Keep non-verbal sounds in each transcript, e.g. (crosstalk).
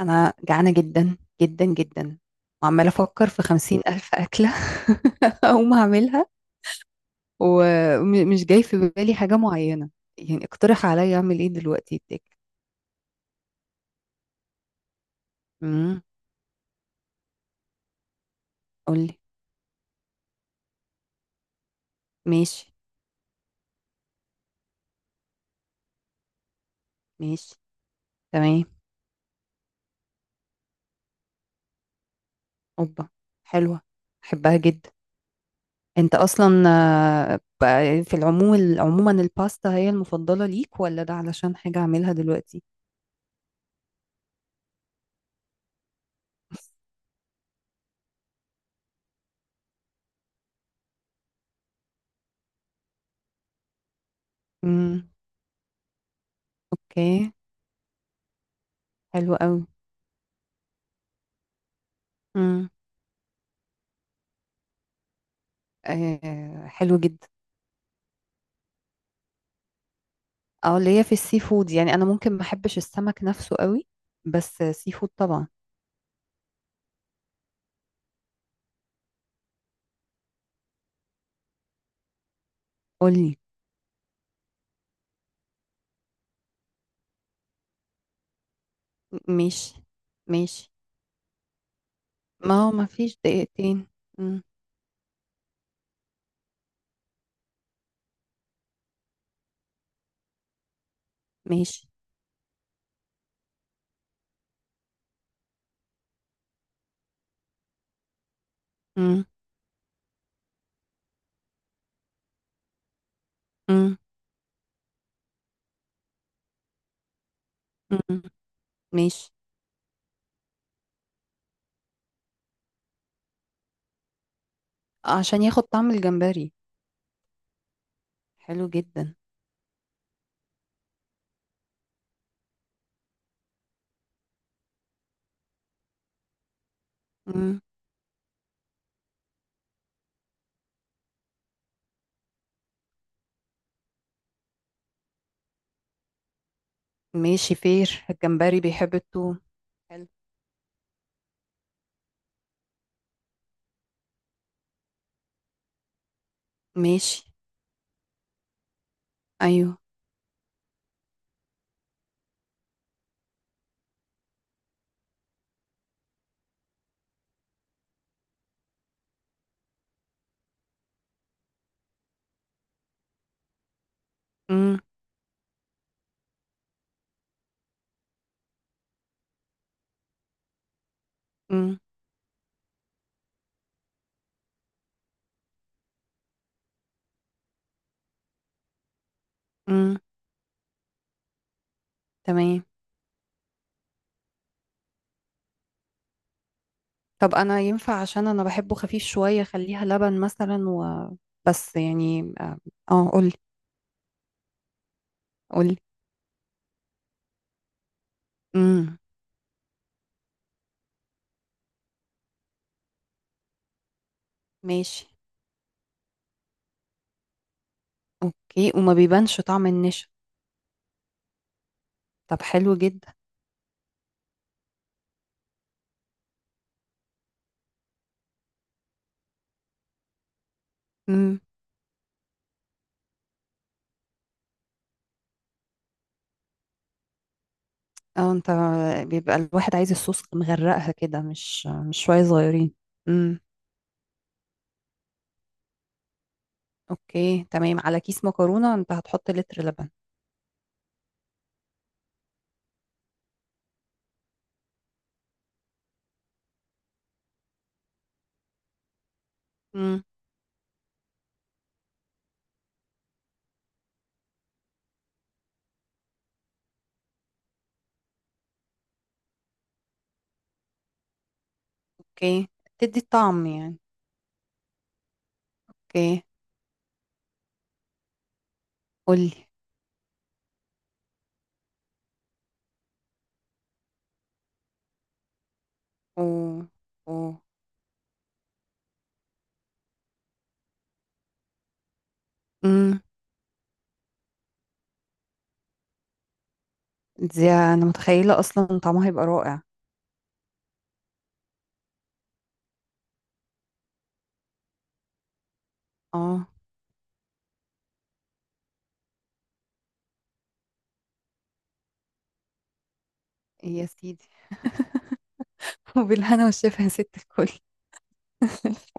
أنا جعانة جدا جدا جدا، وعمالة أفكر في 50,000 أكلة. (laughs) أقوم أعملها ومش جاي في بالي حاجة معينة، يعني اقترح عليا أعمل إيه دلوقتي يديك. امم قولي. ماشي. ماشي، تمام. أوبا، حلوة، أحبها جدا. أنت أصلا آه، بقى في العموم عموما الباستا هي المفضلة ليك، ولا ده علشان حاجة أعملها دلوقتي؟ امم اوكي، حلو قوي. امم آه، حلو جدا. اه، اللي هي في السي فود، يعني انا ممكن ما احبش السمك نفسه قوي، بس سي فود طبعا. قولي. ماشي. ماشي، ما هو ما فيش دقيقتين. مم. ماشي. مم. مم. مم. ماشي. عشان ياخد طعم الجمبري. حلو جدا. مم. ماشي، فير الجمبري بيحب التوم. حلو. ماشي. ايوه. مم. مم. مم. تمام. طب انا ينفع عشان انا بحبه خفيف شوية، خليها لبن مثلا و بس يعني آه، قولي. قولي. امم ماشي. اوكي، وما بيبانش طعم النشا؟ طب حلو جدا. امم اه انت، بيبقى الواحد عايز الصوص مغرقها كده، مش شوية صغيرين. امم اوكي، تمام. على كيس مكرونة انت هتحط لتر لبن؟ امم اوكي، تدي الطعم يعني. اوكي، قولي. و و امم دي انا متخيلة اصلا طعمها هيبقى رائع. اه، يا سيدي. (laughs) وبالهنا والشفا يا ست الكل.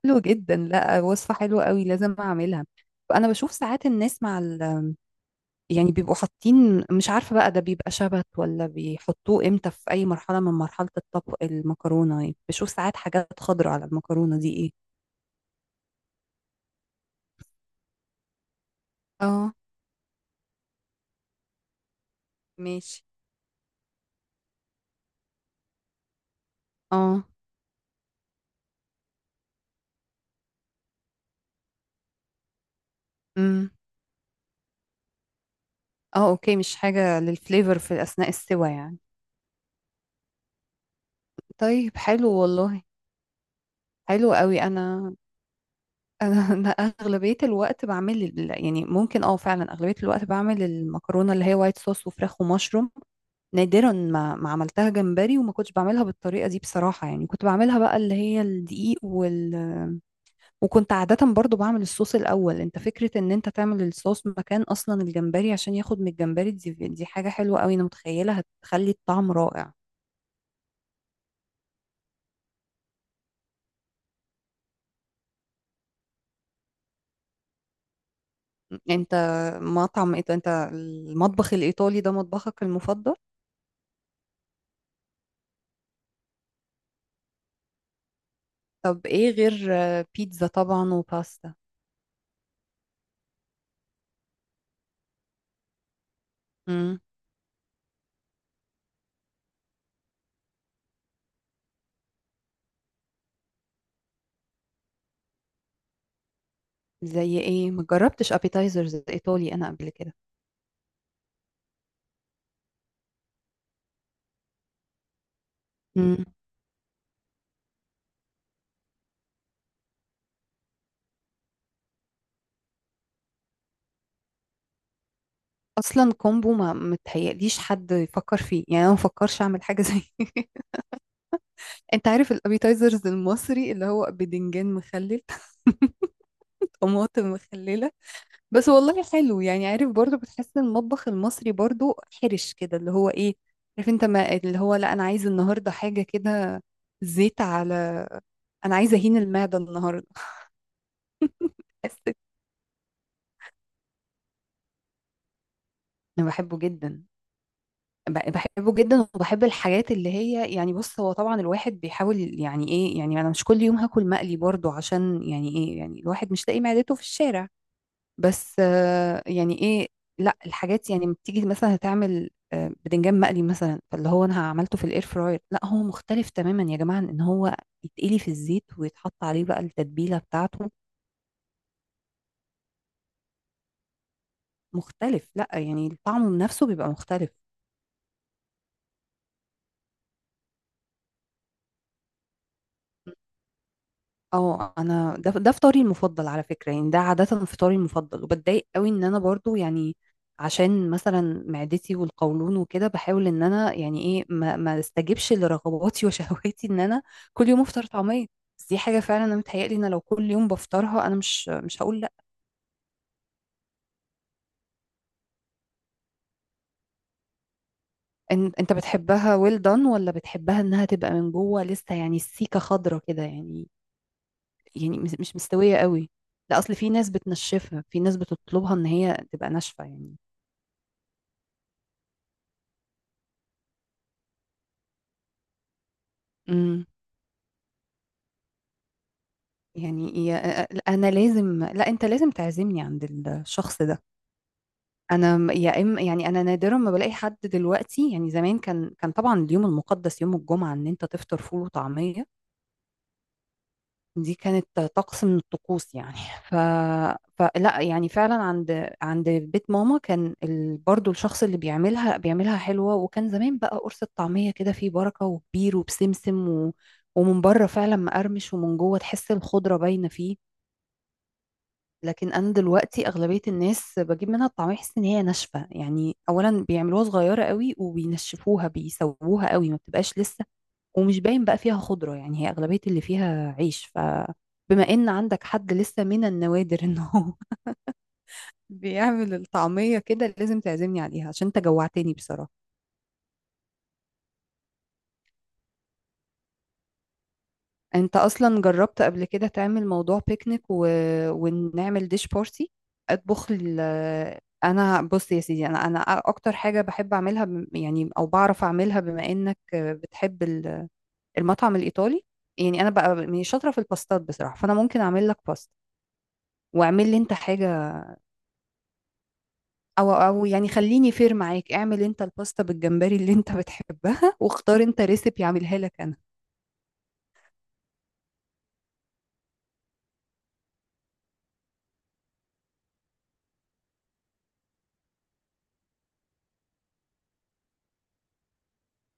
حلو جدا، لا وصفة حلوة قوي، لازم اعملها. فانا بشوف ساعات الناس مع ال... يعني بيبقوا حاطين مش عارفة بقى، ده بيبقى شبت ولا بيحطوه امتى، في اي مرحلة من مرحلة الطبخ المكرونة، يعني بشوف ساعات حاجات خضراء على المكرونة، دي ايه؟ اه. ماشي. اه. امم اه، اوكي، مش حاجة للفليفر في اثناء السوى يعني. طيب، حلو والله. حلو قوي. انا انا (laughs) انا اغلبية الوقت بعمل يعني ممكن اه، فعلا اغلبية الوقت بعمل المكرونة اللي هي وايت صوص وفراخ ومشروم. نادرا ما عملتها جمبري، وما كنتش بعملها بالطريقه دي بصراحه، يعني كنت بعملها بقى اللي هي الدقيق وال... وكنت عاده برضو بعمل الصوص الاول. انت، فكره ان انت تعمل الصوص مكان اصلا الجمبري عشان ياخد من الجمبري، دي حاجه حلوه قوي، انا متخيله هتخلي الطعم رائع. انت مطعم انت المطبخ الايطالي ده مطبخك المفضل؟ طب ايه غير آه، بيتزا طبعا وباستا؟ امم زي ايه؟ ما جربتش ابيتايزرز ايطالي انا قبل كده. اصلا كومبو ما متهيأليش حد يفكر فيه، يعني انا ما بفكرش اعمل حاجه زي (laughs) انت عارف الابيتايزرز المصري اللي هو بدنجان مخلل، (laughs) طماطم مخلله. بس والله حلو، يعني عارف برضو بتحس إن المطبخ المصري برضو حرش كده، اللي هو ايه، عارف انت، ما اللي هو لا انا عايز النهارده حاجه كده، زيت على، انا عايزه اهين المعده النهارده. (laughs) حسيت. انا بحبه جدا. بحبه جدا وبحب الحاجات اللي هي، يعني بص هو طبعا الواحد بيحاول يعني ايه، يعني انا مش كل يوم هاكل مقلي برضو، عشان يعني ايه، يعني الواحد مش لاقي معدته في الشارع. بس آه، يعني ايه، لا الحاجات يعني لما بتيجي مثلا هتعمل آه بدنجان مقلي مثلا، فاللي هو انا عملته في الاير فراير لا هو مختلف تماما يا جماعة عن ان هو يتقلي في الزيت ويتحط عليه بقى التتبيلة بتاعته. مختلف، لا يعني طعمه بنفسه بيبقى مختلف. اه انا، ده فطاري المفضل على فكره يعني، ده عاده فطاري المفضل، وبتضايق قوي ان انا برضو يعني عشان مثلا معدتي والقولون وكده، بحاول ان انا يعني ايه، ما استجبش لرغباتي (laughs) وشهواتي ان انا كل يوم افطر طعميه. بس دي حاجه فعلا، انا متهيألي ان لو كل يوم بفطرها انا مش هقول لا. إن انت بتحبها ويل دان، ولا بتحبها انها تبقى من جوه لسه يعني السيكه خضره كده يعني؟ يعني مش مستويه قوي. لا اصل في ناس بتنشفها، في ناس بتطلبها ان هي تبقى ناشفه. يعني، يا انا لازم، لا انت لازم تعزمني عند الشخص ده. انا يا اما يعني، انا نادرا ما بلاقي حد دلوقتي، يعني زمان كان كان طبعا اليوم المقدس يوم الجمعة ان انت تفطر فول وطعمية. دي كانت طقس من الطقوس يعني. ف... فلا يعني فعلا عند بيت ماما كان ال... برضو الشخص اللي بيعملها بيعملها حلوة، وكان زمان بقى قرص الطعمية كده فيه بركة وكبير وبسمسم و... ومن بره فعلا مقرمش، ومن جوه تحس الخضرة باينة فيه. لكن انا دلوقتي اغلبيه الناس بجيب منها الطعميه بحس ان هي ناشفه، يعني اولا بيعملوها صغيره قوي وبينشفوها، بيسووها قوي ما بتبقاش لسه، ومش باين بقى فيها خضره، يعني هي اغلبيه اللي فيها عيش. فبما ان عندك حد لسه من النوادر انه (laughs) بيعمل الطعميه كده، لازم تعزمني عليها عشان انت جوعتني بصراحه. انت اصلا جربت قبل كده تعمل موضوع بيكنيك و... ونعمل ديش بارتي؟ اطبخ ال... انا بص يا سيدي، انا اكتر حاجه بحب اعملها يعني او بعرف اعملها، بما انك بتحب المطعم الايطالي، يعني انا بقى من شاطره في الباستات بصراحه، فانا ممكن اعمل لك باستا واعمل لي انت حاجه. او يعني خليني فير معاك، اعمل انت الباستا بالجمبري اللي انت بتحبها، (laughs) واختار انت ريسيبي اعملها لك انا.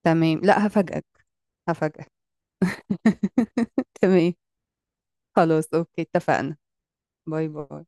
تمام، لا هفاجئك. هفاجئك. (laughs) تمام، خلاص أوكي، اتفقنا. باي باي.